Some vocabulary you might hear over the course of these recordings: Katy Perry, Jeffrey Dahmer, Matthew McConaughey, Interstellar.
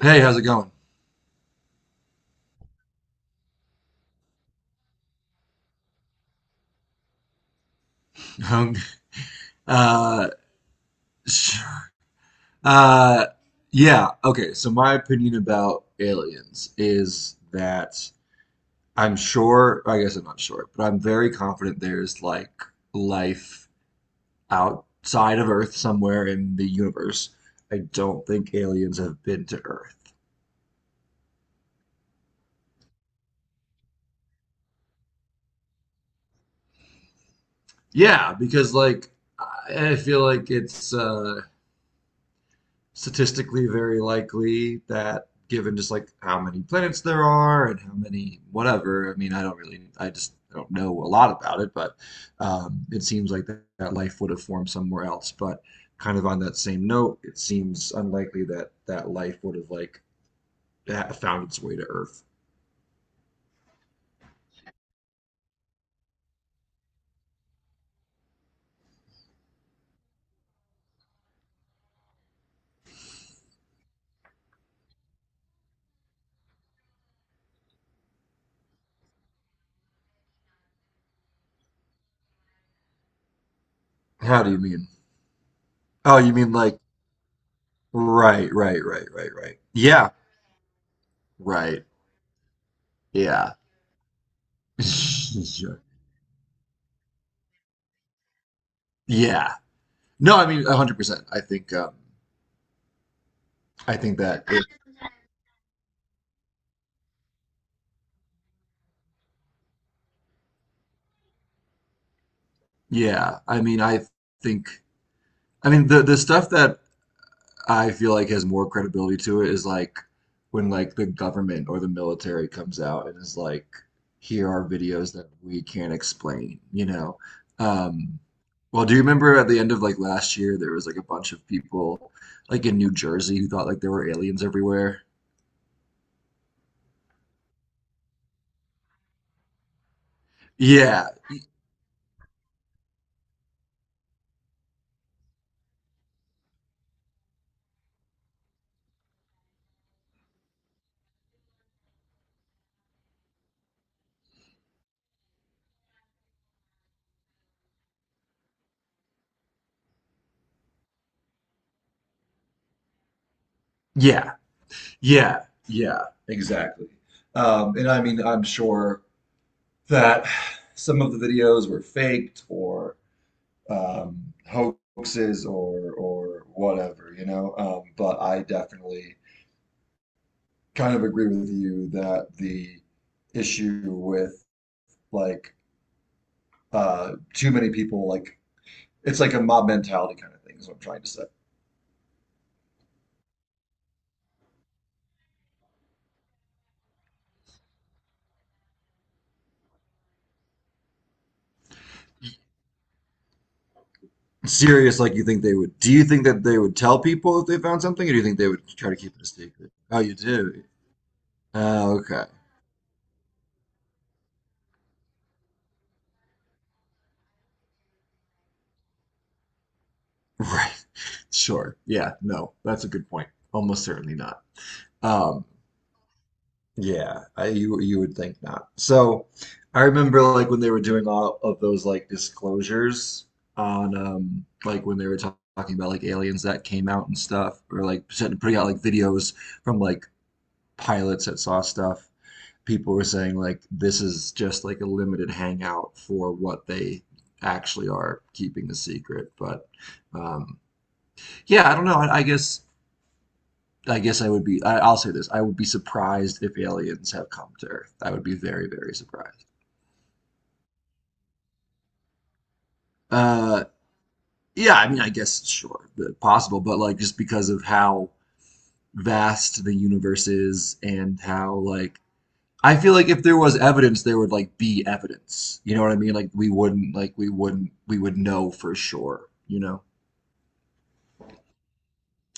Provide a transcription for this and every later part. Hey, how's it going? uh, sure. uh, yeah, okay. So my opinion about aliens is that I guess I'm not sure, but I'm very confident there's like life outside of Earth somewhere in the universe. I don't think aliens have been to Earth. Yeah, because like I feel like it's statistically very likely that given just like how many planets there are and how many whatever. I mean, I just don't know a lot about it, but it seems like that life would have formed somewhere else. But kind of on that same note, it seems unlikely that that life would have found its way to Earth. How do you mean? Oh, you mean like right. Yeah, right. Yeah. Sure. Yeah. No, I mean 100%. I think that. Yeah, I mean, think, I mean, the stuff that I feel like has more credibility to it is like when like the government or the military comes out and is like, here are videos that we can't explain, you know? Um, well, do you remember at the end of like last year there was like a bunch of people like in New Jersey who thought like there were aliens everywhere? Yeah, yeah, yeah, yeah, exactly. And I mean, I'm sure that some of the videos were faked or um, hoaxes or whatever, you know. But I definitely kind of agree with you that the issue with like too many people, like it's like a mob mentality kind of thing, is what I'm trying to say. Serious, like, you think they would, do you think that they would tell people if they found something, or do you think they would try to keep it a secret? Oh, you do? Oh, okay. Right. Sure. Yeah. No, that's a good point. Almost certainly not. Um, yeah, you would think not. So, I remember like when they were doing all of those like disclosures on like when they were talking about like aliens that came out and stuff, or like putting out like videos from like pilots that saw stuff. People were saying like this is just like a limited hangout for what they actually are keeping a secret, but um, yeah, I don't know. I guess I would be. I'll say this: I would be surprised if aliens have come to Earth. I would be very, very surprised. Uh, yeah, I mean, I guess sure, possible, but like just because of how vast the universe is and how like I feel like if there was evidence, there would like be evidence. You know what I mean? Like we wouldn't, we would know for sure. You know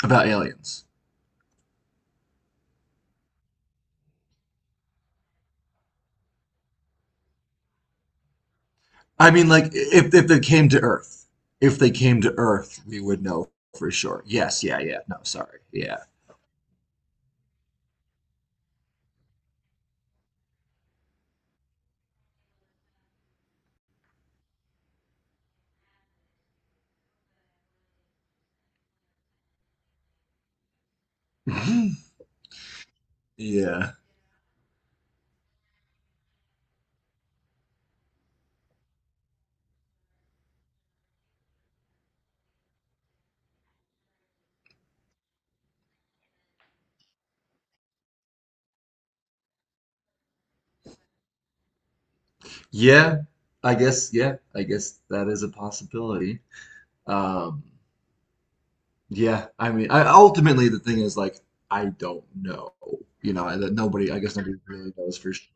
about aliens. I mean, like if they came to Earth, if they came to Earth, we would know for sure. Yes, yeah. No, sorry, yeah. Yeah. Yeah. I guess, yeah. I guess that is a possibility. Um, yeah. I mean, ultimately, the thing is, like, I don't know. You know, that nobody, I guess nobody really knows for sure.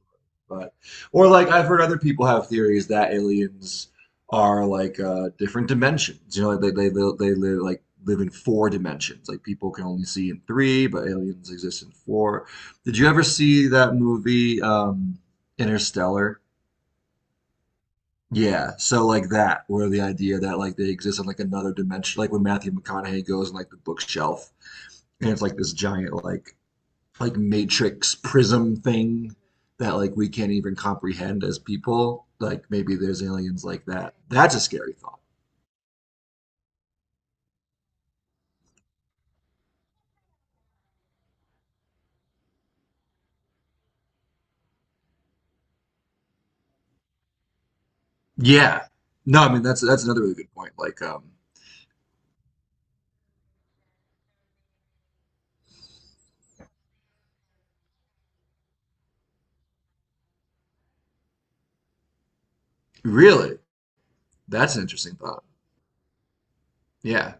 But, or like, I've heard other people have theories that aliens are like different dimensions. You know, like live in four dimensions. Like, people can only see in three, but aliens exist in four. Did you ever see that movie, Interstellar? Yeah, so like that, where the idea that like they exist on like another dimension, like when Matthew McConaughey goes on like the bookshelf, and it's like this giant like matrix prism thing that like we can't even comprehend as people. Like maybe there's aliens like that. That's a scary thought. Yeah. No, I mean that's another really good point. Like, really, that's an interesting thought. Yeah.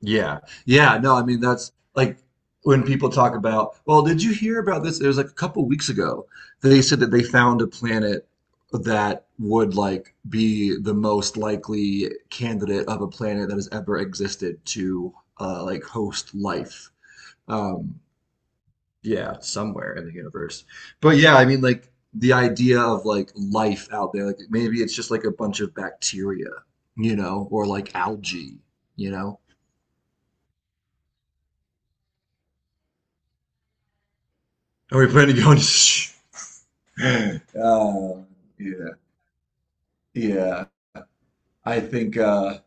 Yeah. Yeah. No, I mean, that's like when people talk about, well, did you hear about this? It was like a couple weeks ago. They said that they found a planet that would like be the most likely candidate of a planet that has ever existed to like host life. Um, yeah, somewhere in the universe. But yeah, I mean, like the idea of like life out there, like maybe it's just like a bunch of bacteria, you know, or like algae, you know. Are we planning to go into? Uh, yeah, yeah. I think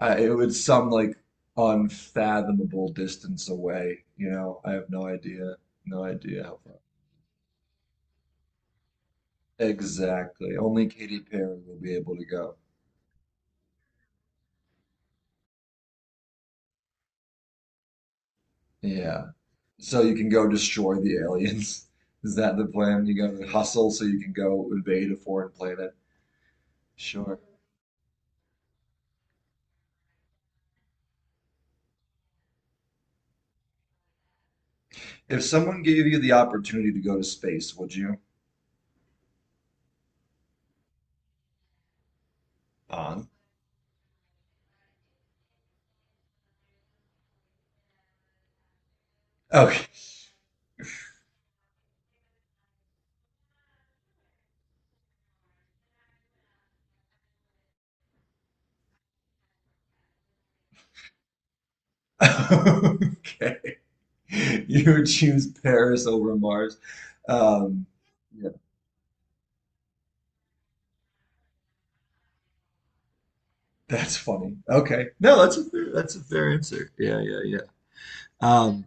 it would some like unfathomable distance away. You know, I have no idea, no idea how far. Exactly. Only Katy Perry will be able to go. Yeah. So you can go destroy the aliens. Is that the plan? You gotta hustle so you can go invade a foreign planet. Sure. If someone gave you the opportunity to go to space, would you? On. Okay. Okay. You would choose Paris over Mars. Um, yeah, that's funny. Okay. No, that's a fair answer. Yeah, yeah, yeah. Um,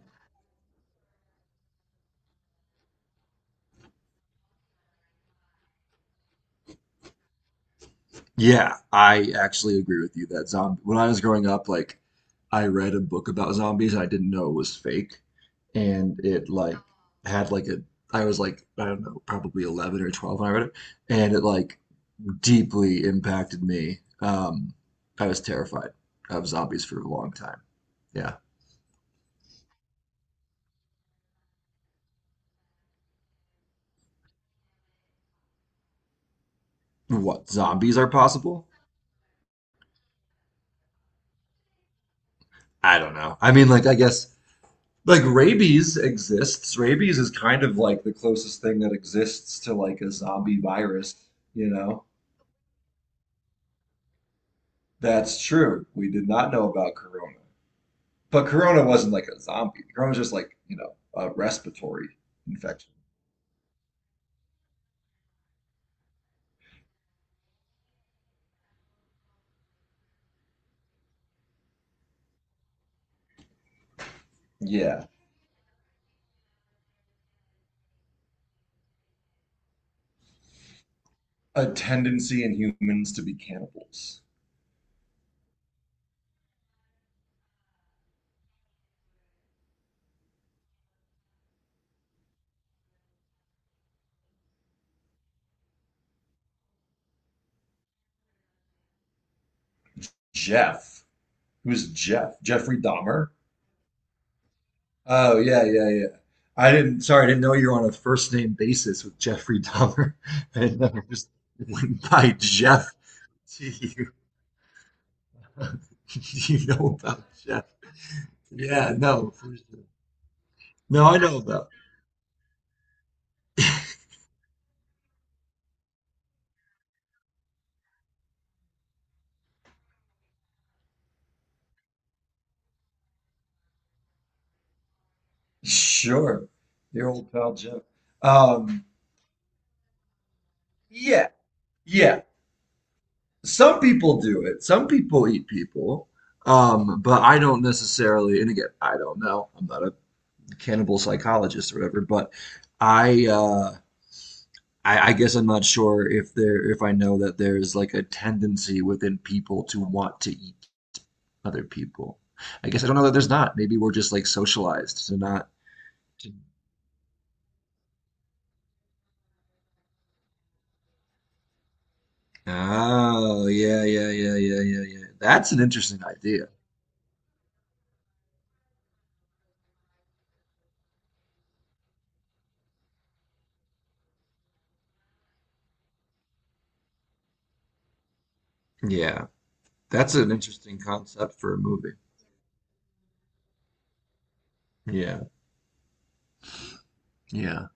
yeah, I actually agree with you that zombie, when I was growing up, like I read a book about zombies, I didn't know it was fake, and it like had like a, I was like, I don't know, probably 11 or 12 when I read it, and it like deeply impacted me. I was terrified of zombies for a long time. Yeah. What, zombies are possible? I don't know. I mean, like, I guess, like, rabies exists. Rabies is kind of like the closest thing that exists to, like, a zombie virus, you know? That's true. We did not know about corona. But corona wasn't like a zombie. Corona was just like, you know, a respiratory infection. Yeah. A tendency in humans to be cannibals. Jeff. Who's Jeff? Jeffrey Dahmer? Oh yeah, yeah, yeah. I didn't. Sorry, I didn't know you were on a first name basis with Jeffrey Dahmer. I never just went by Jeff. Do you, do you know about Jeff? Yeah, no, for sure. No, I know about. Sure, your old pal Jeff. Um, yeah, yeah. Some people do it. Some people eat people. But I don't necessarily. And again, I don't know. I'm not a cannibal psychologist or whatever. But I. Uh, I guess I'm not sure if there if I know that there's like a tendency within people to want to eat other people. I guess I don't know that there's not. Maybe we're just like socialized to not. To... Oh, yeah. That's an interesting idea. Yeah, that's an interesting concept for a movie. Yeah, yeah.